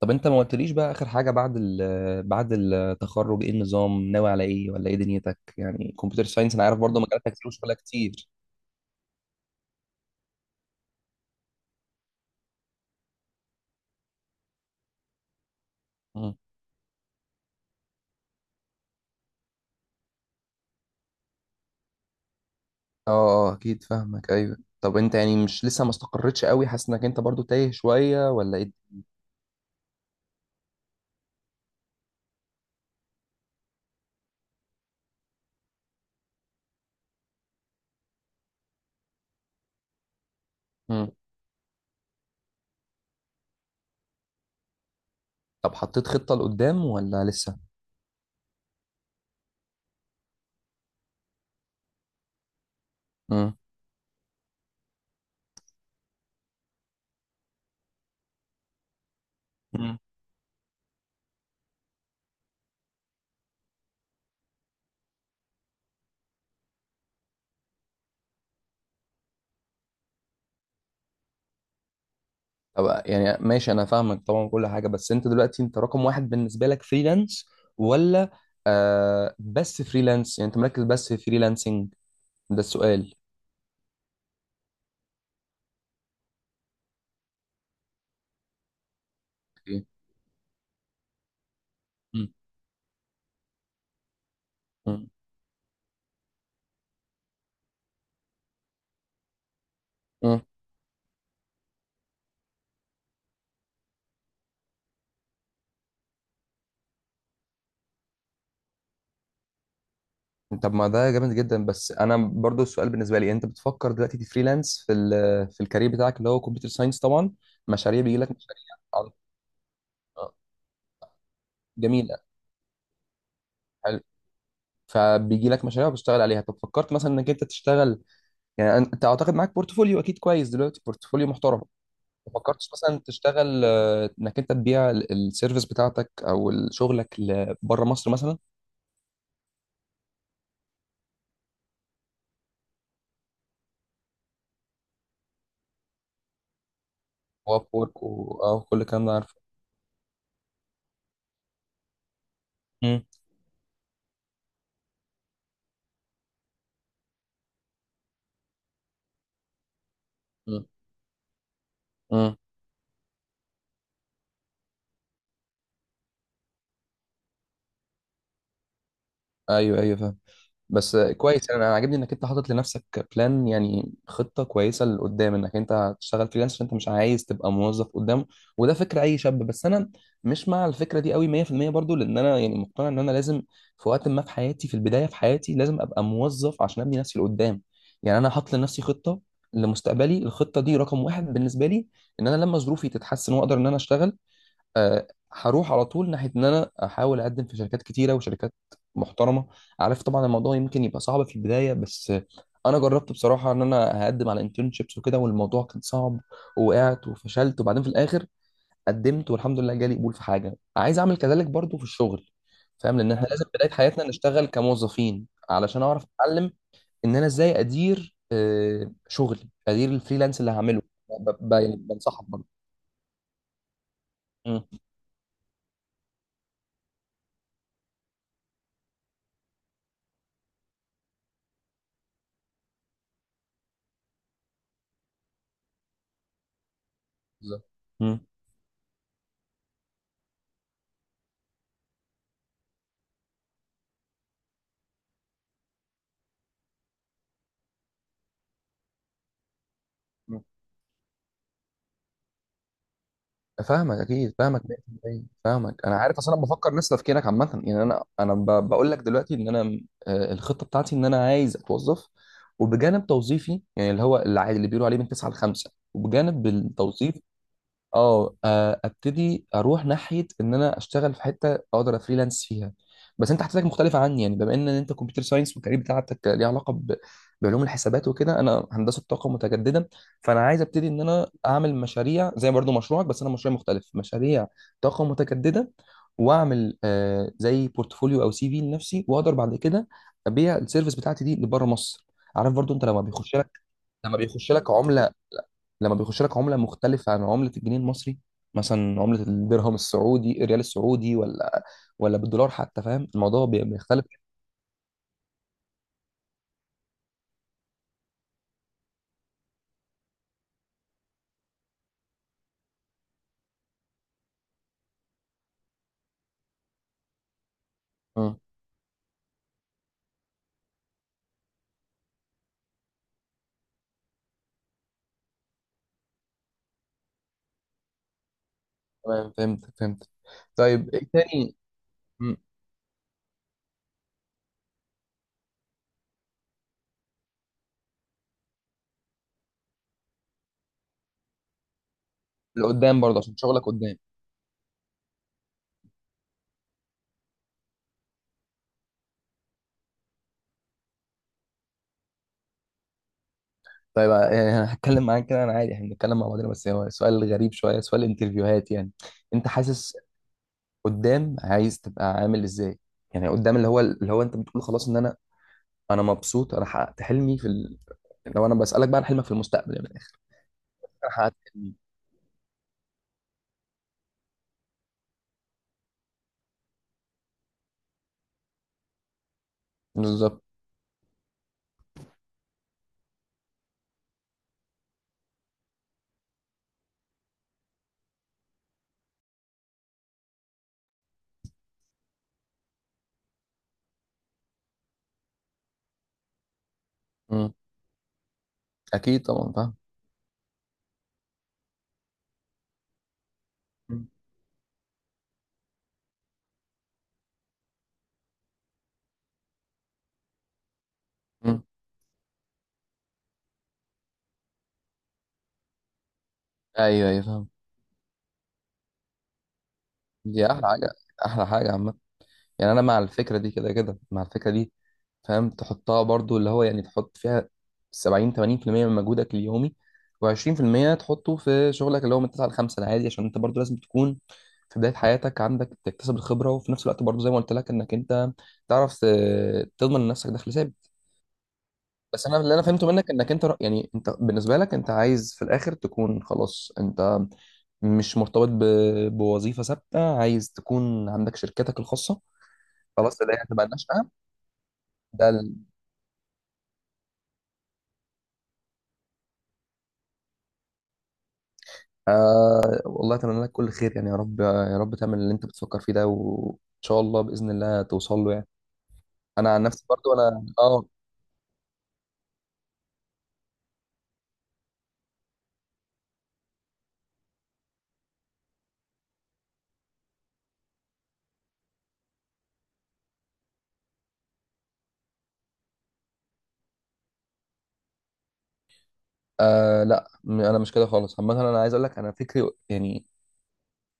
طب انت ما قلتليش بقى اخر حاجه بعد ال آه، بعد التخرج، ايه النظام ناوي على ايه، ولا ايه دنيتك؟ يعني كمبيوتر ساينس، انا عارف برضه مجالاتك كتير وشغلها كتير. مم. اه اه، اكيد فاهمك. ايوه، طب انت يعني مش لسه ما استقرتش قوي؟ حاسس انك انت برضه تايه شويه ولا ايه؟ مم. طب حطيت خطه لقدام ولا لسه؟ مم. مم. طب يعني ماشي، انا فاهمك طبعا كل حاجه، بس انت دلوقتي انت رقم واحد بالنسبه لك فريلانس ولا؟ بس فريلانس، يعني انت مركز بس في فريلانسنج؟ ده السؤال. اوكي. مم. مم. طب ما ده جامد جدا، بس انا برضو السؤال بالنسبه لي، انت بتفكر دلوقتي تفريلانس في في الكارير بتاعك اللي هو كمبيوتر ساينس طبعا؟ مشاريع بيجي لك مشاريع؟ عن- آه، جميله، حلو. فبيجي لك مشاريع وبتشتغل عليها، طب فكرت مثلا انك انت تشتغل؟ يعني انت اعتقد معاك بورتفوليو اكيد كويس دلوقتي، بورتفوليو محترم. ما فكرتش مثلا تشتغل، انك انت تبيع السيرفيس بتاعتك او شغلك بره مصر مثلا؟ واب وورك وكل الكلام ده عارفه. مم. مم. مم. ايوه ايوه، فاهم. بس كويس، أنا عاجبني انك انت حاطط لنفسك بلان، يعني خطه كويسه لقدام، انك انت هتشتغل فريلانس عشان انت مش عايز تبقى موظف قدام، وده فكر اي شاب، بس انا مش مع الفكره دي قوي 100%، برضو لان انا يعني مقتنع ان انا لازم في وقت ما في حياتي، في البدايه في حياتي لازم ابقى موظف عشان ابني نفسي لقدام. يعني انا حاطط لنفسي خطه لمستقبلي، الخطه دي رقم واحد بالنسبه لي، ان انا لما ظروفي تتحسن واقدر ان انا اشتغل، آه، هروح على طول ناحيه ان انا احاول اقدم في شركات كتيره وشركات محترمه. عارف طبعا الموضوع يمكن يبقى صعب في البدايه، بس انا جربت بصراحه ان انا هقدم على انترنشيبس وكده والموضوع كان صعب، ووقعت وفشلت، وبعدين في الاخر قدمت والحمد لله جالي قبول في حاجه عايز اعمل كذلك برضو في الشغل. فاهم، لان احنا لازم في بدايه حياتنا نشتغل كموظفين علشان اعرف اتعلم ان انا ازاي ادير شغلي، ادير الفريلانس اللي هعمله. يعني بنصحك برضه. مم. بالظبط. مم. فاهمك، اكيد فاهمك 100%، فاهمك، انا عارف اصل انا بفكر نفس تفكيرك عامه، يعني انا بقول لك دلوقتي ان انا، الخطه بتاعتي ان انا عايز اتوظف، وبجانب توظيفي يعني اللي هو اللي بيقولوا عليه من 9 ل 5، وبجانب التوظيف ابتدي اروح ناحيه ان انا اشتغل في حته اقدر افريلانس فيها. بس انت حاجتك مختلفه عني، يعني بما ان انت كمبيوتر ساينس والكارير بتاعتك ليه علاقه بعلوم الحسابات وكده، انا هندسه طاقه متجدده. فانا عايز ابتدي ان انا اعمل مشاريع زي برضو مشروعك، بس انا مشروع مختلف، مشاريع طاقه متجدده، واعمل زي بورتفوليو او سي في لنفسي، واقدر بعد كده ابيع السيرفيس بتاعتي دي لبره مصر. عارف برضو انت لما بيخش لك عمله لما بيخش لك عمله مختلفه عن عمله الجنيه المصري، مثلا عمله الدرهم السعودي، الريال السعودي، ولا بالدولار حتى، فاهم الموضوع بيختلف. اه، تمام فهمت فهمت. طيب ايه تاني؟ مم، لقدام برضه عشان شغلك قدام. طيب يعني انا هتكلم معاك كده انا عادي، احنا بنتكلم مع بعضنا، بس هو سؤال غريب شويه، سؤال انترفيوهات يعني، انت حاسس قدام عايز تبقى عامل ازاي؟ يعني قدام، اللي هو انت بتقول خلاص ان انا مبسوط، انا حققت حلمي في لو انا بسالك بقى عن حلمك في المستقبل يعني من الاخر، انا حققت حلمي. بالظبط. مم. اكيد طبعا فاهم. مم. مم. ايوه ايوه، فاهم. دي احلى حاجه، احلى حاجه عامه، يعني انا مع الفكره دي، كده كده مع الفكره دي. فاهم تحطها برضو اللي هو، يعني تحط فيها 70 80% من مجهودك اليومي، و20% تحطه في شغلك اللي هو من 9 ل 5 العادي، عشان انت برضو لازم تكون في بدايه حياتك عندك، تكتسب الخبره، وفي نفس الوقت برضو زي ما قلت لك انك انت تعرف تضمن لنفسك دخل ثابت. بس انا اللي انا فهمته منك انك انت يعني انت بالنسبه لك انت عايز في الاخر تكون خلاص، انت مش مرتبط بوظيفة ثابتة، عايز تكون عندك شركتك الخاصة، خلاص ده هي هتبقى النشأة. ده ال... آه والله أتمنى لك كل خير، يعني يا رب يا رب تعمل اللي أنت بتفكر فيه ده، وإن شاء الله بإذن الله توصل له يعني. أنا عن نفسي برضو أنا، لا أنا مش كده خالص. عامة أنا عايز أقول لك أنا فكري يعني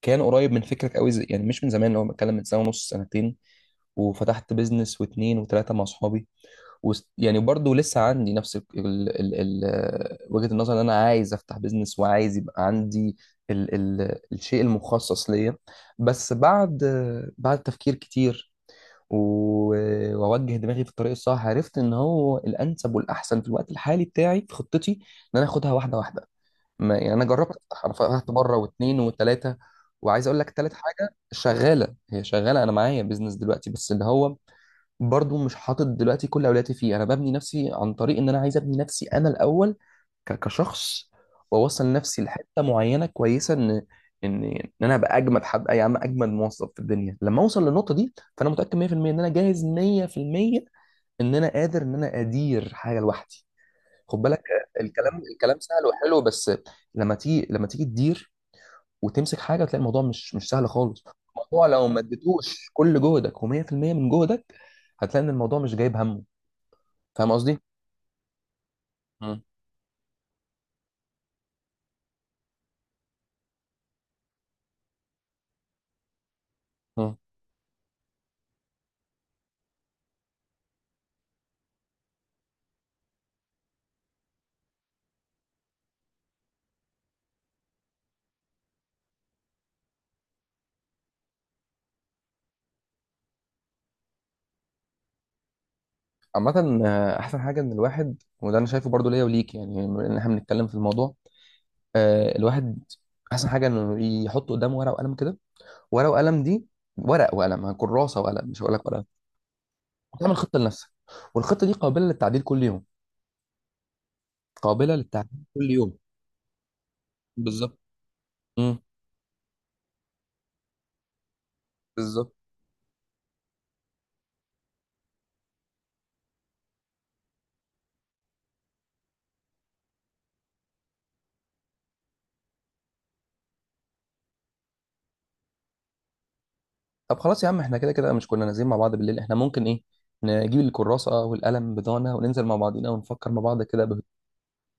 كان قريب من فكرك قوي، زي يعني مش من زمان، لو بتكلم من سنه ونص، سنتين، وفتحت بيزنس واثنين وثلاثه مع اصحابي، يعني برضو لسه عندي نفس ال ال ال ال وجهة النظر، ان انا عايز افتح بيزنس، وعايز يبقى عندي ال ال الشيء المخصص ليا. بس بعد تفكير كتير واوجه دماغي في الطريق الصح، عرفت ان هو الانسب والاحسن في الوقت الحالي بتاعي في خطتي ان انا اخدها واحده واحده، ما يعني انا جربت افتح انا فتحت مره واثنين وثلاثه. وعايز اقول لك ثالث حاجه شغاله هي شغاله، انا معايا بيزنس دلوقتي، بس اللي هو برضو مش حاطط دلوقتي كل اولوياتي فيه، انا ببني نفسي عن طريق ان انا عايز ابني نفسي انا الاول كشخص، واوصل نفسي لحته معينه كويسه ان انا ابقى اجمد حد يا عم، اجمد موظف في الدنيا، لما اوصل للنقطه دي، فانا متاكد 100% ان انا جاهز 100%، ان انا قادر ان انا ادير حاجه لوحدي. خد بالك، الكلام الكلام سهل وحلو، بس لما تيجي، لما تيجي تدير وتمسك حاجه، تلاقي الموضوع مش مش سهل خالص. الموضوع لو ما اديتوش كل جهدك و100% من جهدك، هتلاقي ان الموضوع مش جايب همه. فاهم قصدي؟ مم. مم. عامة، أحسن حاجة إن الواحد، وده أنا شايفه برضو ليا وليك يعني، بما إن إحنا بنتكلم في الموضوع، الواحد أحسن حاجة إنه يحط قدامه ورقة وقلم كده، ورقة وقلم دي، ورق وقلم، كراسة وقلم مش هقول لك ورقة، تعمل خطة لنفسك، والخطة دي قابلة للتعديل كل يوم، قابلة للتعديل كل يوم. بالظبط. امم بالظبط. طب خلاص يا عم احنا كده كده مش كنا نازلين مع بعض بالليل، احنا ممكن ايه نجيب الكراسة والقلم بتاعنا وننزل مع بعضينا ونفكر مع بعض كده بهدوء،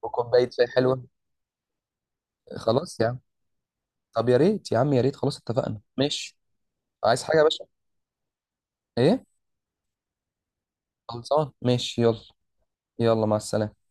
وكوباية شاي حلوة. خلاص يا عم. طب يا ريت يا عم يا ريت، خلاص اتفقنا ماشي. عايز حاجة يا باشا؟ ايه؟ خلصان ماشي يلا. يلا مع السلامة.